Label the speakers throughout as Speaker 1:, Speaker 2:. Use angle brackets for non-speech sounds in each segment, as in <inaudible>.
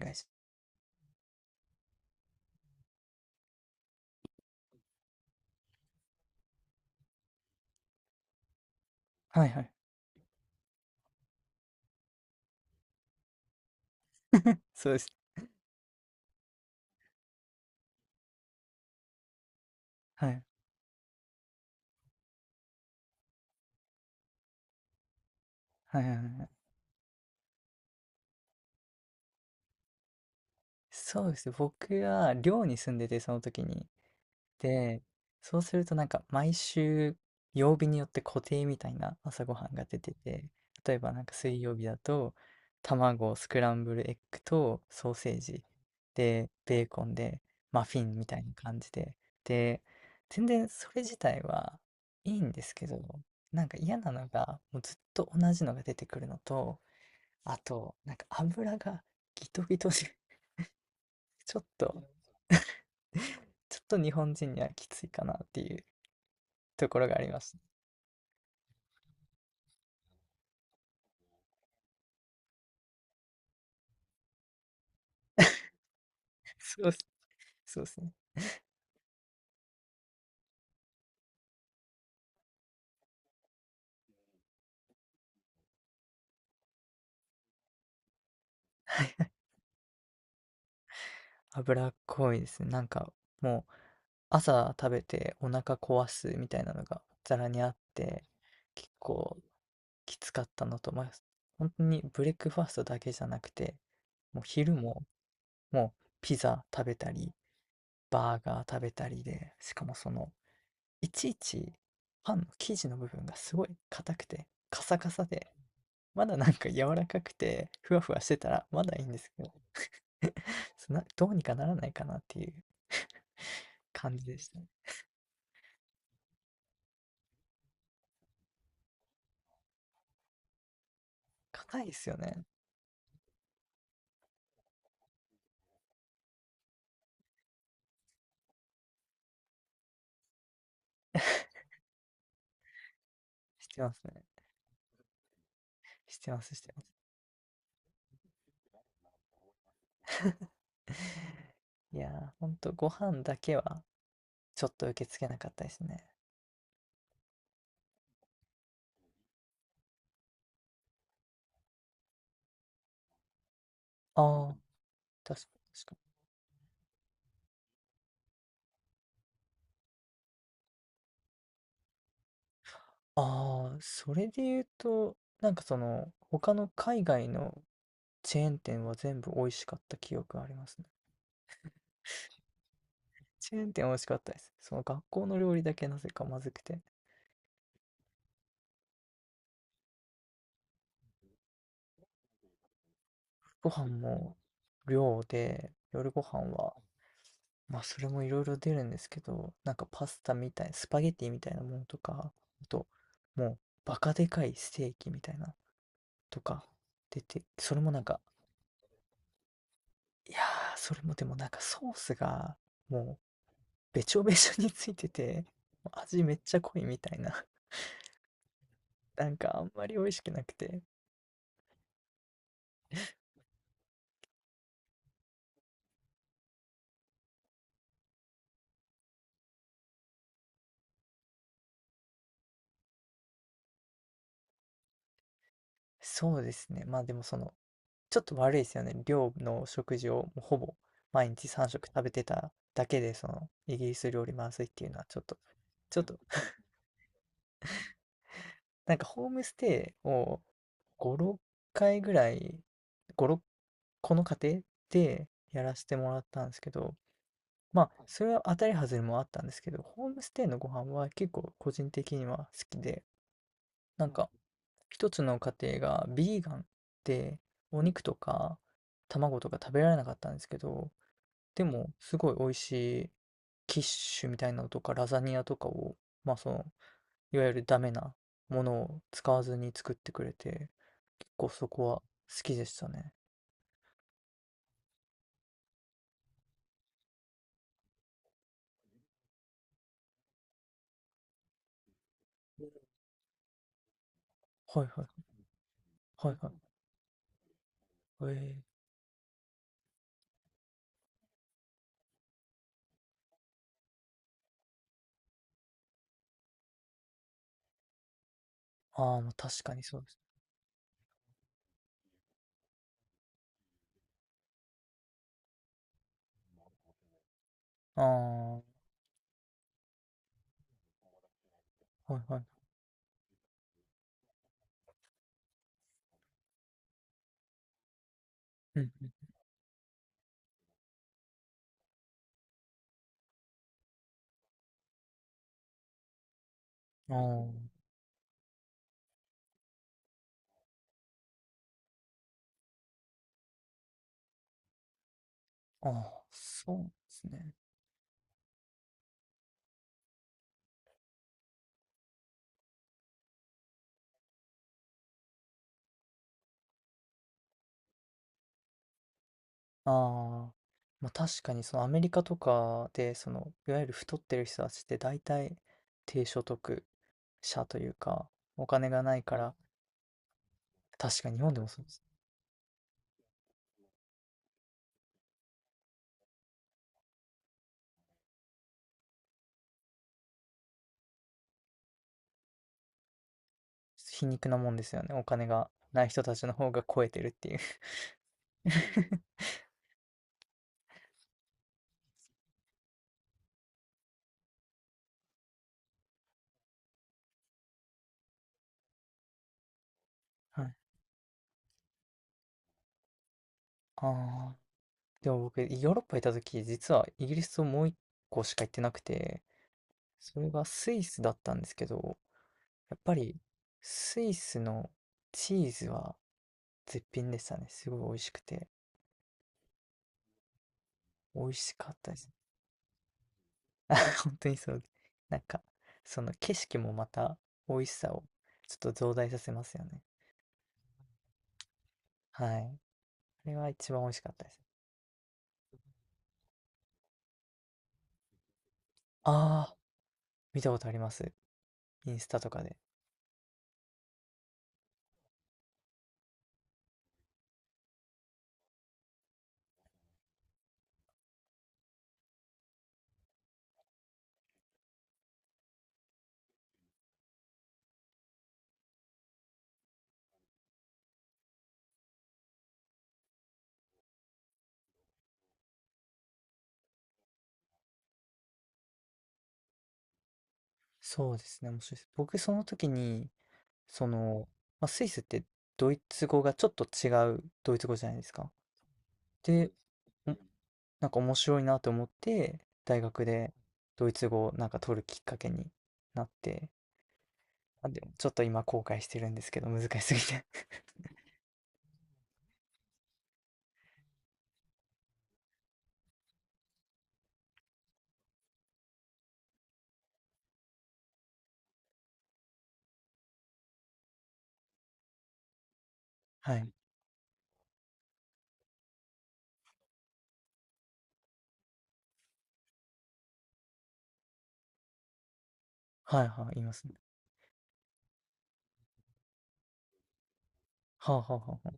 Speaker 1: お願いしはいはい。<laughs> そうです。はい。はいはいはいはい。そうですね、僕は寮に住んでて、その時に。で、そうするとなんか毎週曜日によって固定みたいな朝ごはんが出てて、例えばなんか水曜日だと卵、スクランブルエッグとソーセージで、ベーコンでマフィンみたいな感じで。で、全然それ自体はいいんですけど、なんか嫌なのがもうずっと同じのが出てくるのと、あと、なんか油がギトギトで、<laughs> ちょっと、ちょっと日本人にはきついかなっていうところがあります。<laughs> そうっす、そうですね。脂っこいですね。なんかもう朝食べてお腹壊すみたいなのがざらにあって、結構きつかったのと、まあ、本当にブレックファーストだけじゃなくて、もう昼ももうピザ食べたり、バーガー食べたりで、しかもそのいちいちパンの生地の部分がすごい硬くて、カサカサで、まだなんか柔らかくて、ふわふわしてたらまだいいんですけど <laughs>、そんなどうにかならないかなっていう感じでしたね。硬いですよね。してますね。してます、してます。<laughs> いやー、ほんとご飯だけはちょっと受け付けなかったですね。ああ、確かに確かに。ああ、それで言うと、なんかその、他の海外のチェーン店は全部美味しかった記憶がありますね。チェーン店美味しかったです。その学校の料理だけなぜかまずくて。ご飯も量で、夜ご飯は、まあそれもいろいろ出るんですけど、なんかパスタみたい、スパゲティみたいなものとか、あと、もうバカでかいステーキみたいなとか出て、それもなんか、いやー、それもでもなんかソースがもうべちょべちょについてて、味めっちゃ濃いみたいな、<laughs> なんかあんまり美味しくなくて。そうですね。まあでもそのちょっと悪いですよね。寮の食事をもうほぼ毎日3食食べてただけで、そのイギリス料理まずいっていうのはちょっと、ちょっと、なんかホームステイを5、6回ぐらい、5、6この家庭でやらせてもらったんですけど、まあ、それは当たり外れもあったんですけど、ホームステイのご飯は結構個人的には好きで、なんか一つの家庭がビーガンでお肉とか卵とか食べられなかったんですけど、でも、すごい美味しいキッシュみたいなのとか、ラザニアとかを、まあその、いわゆるダメなものを使わずに作ってくれて、結構そこは好きでしたね。はいはい。はいはい。ええ、ああ、まあ確かにそうです。ああ、はいはい。うんうん。ああ、ああ、そうなんですね。ああ、まあ確かにそのアメリカとかで、その、いわゆる太ってる人たちって大体低所得者というか、お金がないから、確かに日本でもそうです。皮肉なもんですよね。お金がない人たちの方が超えてるっていう。<laughs> はい。ああ。でも僕、ヨーロッパいた時、実はイギリスをもう一個しか行ってなくて、それがスイスだったんですけど、やっぱりスイスのチーズは絶品でしたね。すごい美味しくて、美味しかったです。<laughs> 本当にそう。なんか、その景色もまた美味しさをちょっと増大させますよね。はい。あれは一番美味しかったです。ああ。見たことあります。インスタとかで。そうですね、面白いです。僕その時に、その、まあ、スイスってドイツ語がちょっと違うドイツ語じゃないですか。で、おなんか面白いなと思って、大学でドイツ語をなんか取るきっかけになって、あ、でもちょっと今後悔してるんですけど、難しすぎて <laughs> はい。はいはい、いますね。はあはあはあは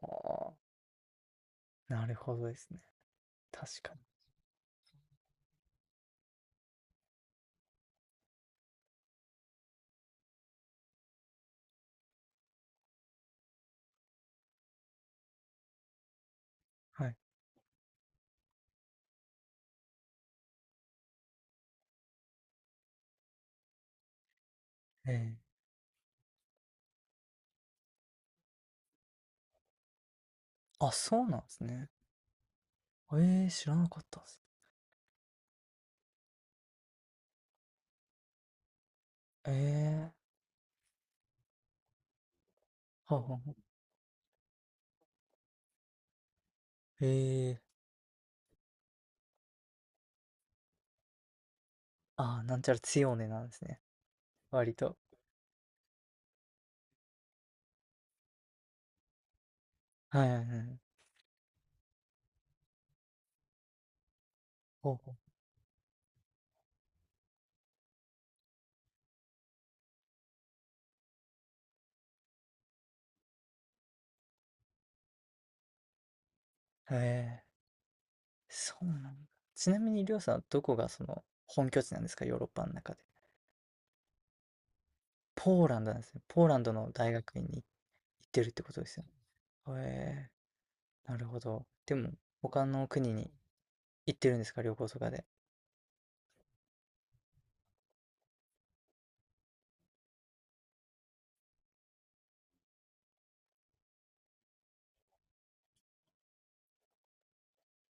Speaker 1: あ。はあ、なるほどですね。確かに。はい。ええ、あ、そうなんですね。ええ、知らなかったです。ええー、はあはあはあ。え、ああー、なんちゃら強ねなんですね、割と。はいはいはい。ほうほう。え、そうなんだ。ちなみにりょうさん、どこがその本拠地なんですか？ヨーロッパの中で。ポーランドなんですね。ポーランドの大学院に行ってるってことですよね。え、なるほど。でも、他の国に行ってるんですか？旅行とかで。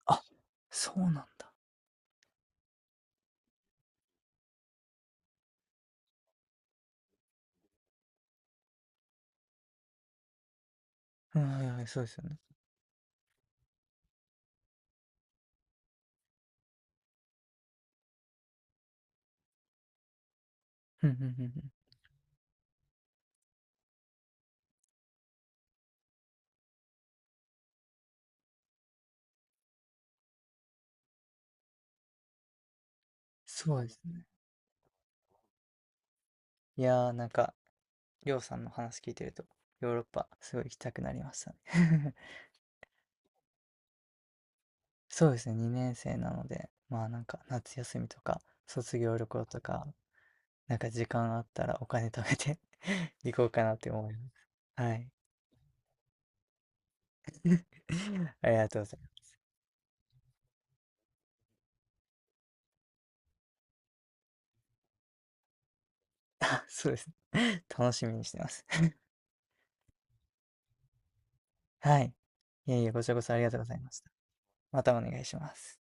Speaker 1: あ、そうなんだ。うん、はいはい、そうですよね。うんうんうんうん。そうですね。いやー、なんかりょうさんの話聞いてると、ヨーロッパすごい行きたくなりましたね <laughs>。そうですね、2年生なので、まあなんか夏休みとか、卒業旅行とか、なんか時間あったらお金貯めて <laughs> 行こうかなって思います。はい <laughs>。ありがとうございます。<laughs> あ、そうですね。楽しみにしてます。はい。いえいえ、こちらこそありがとうございました。またお願いします。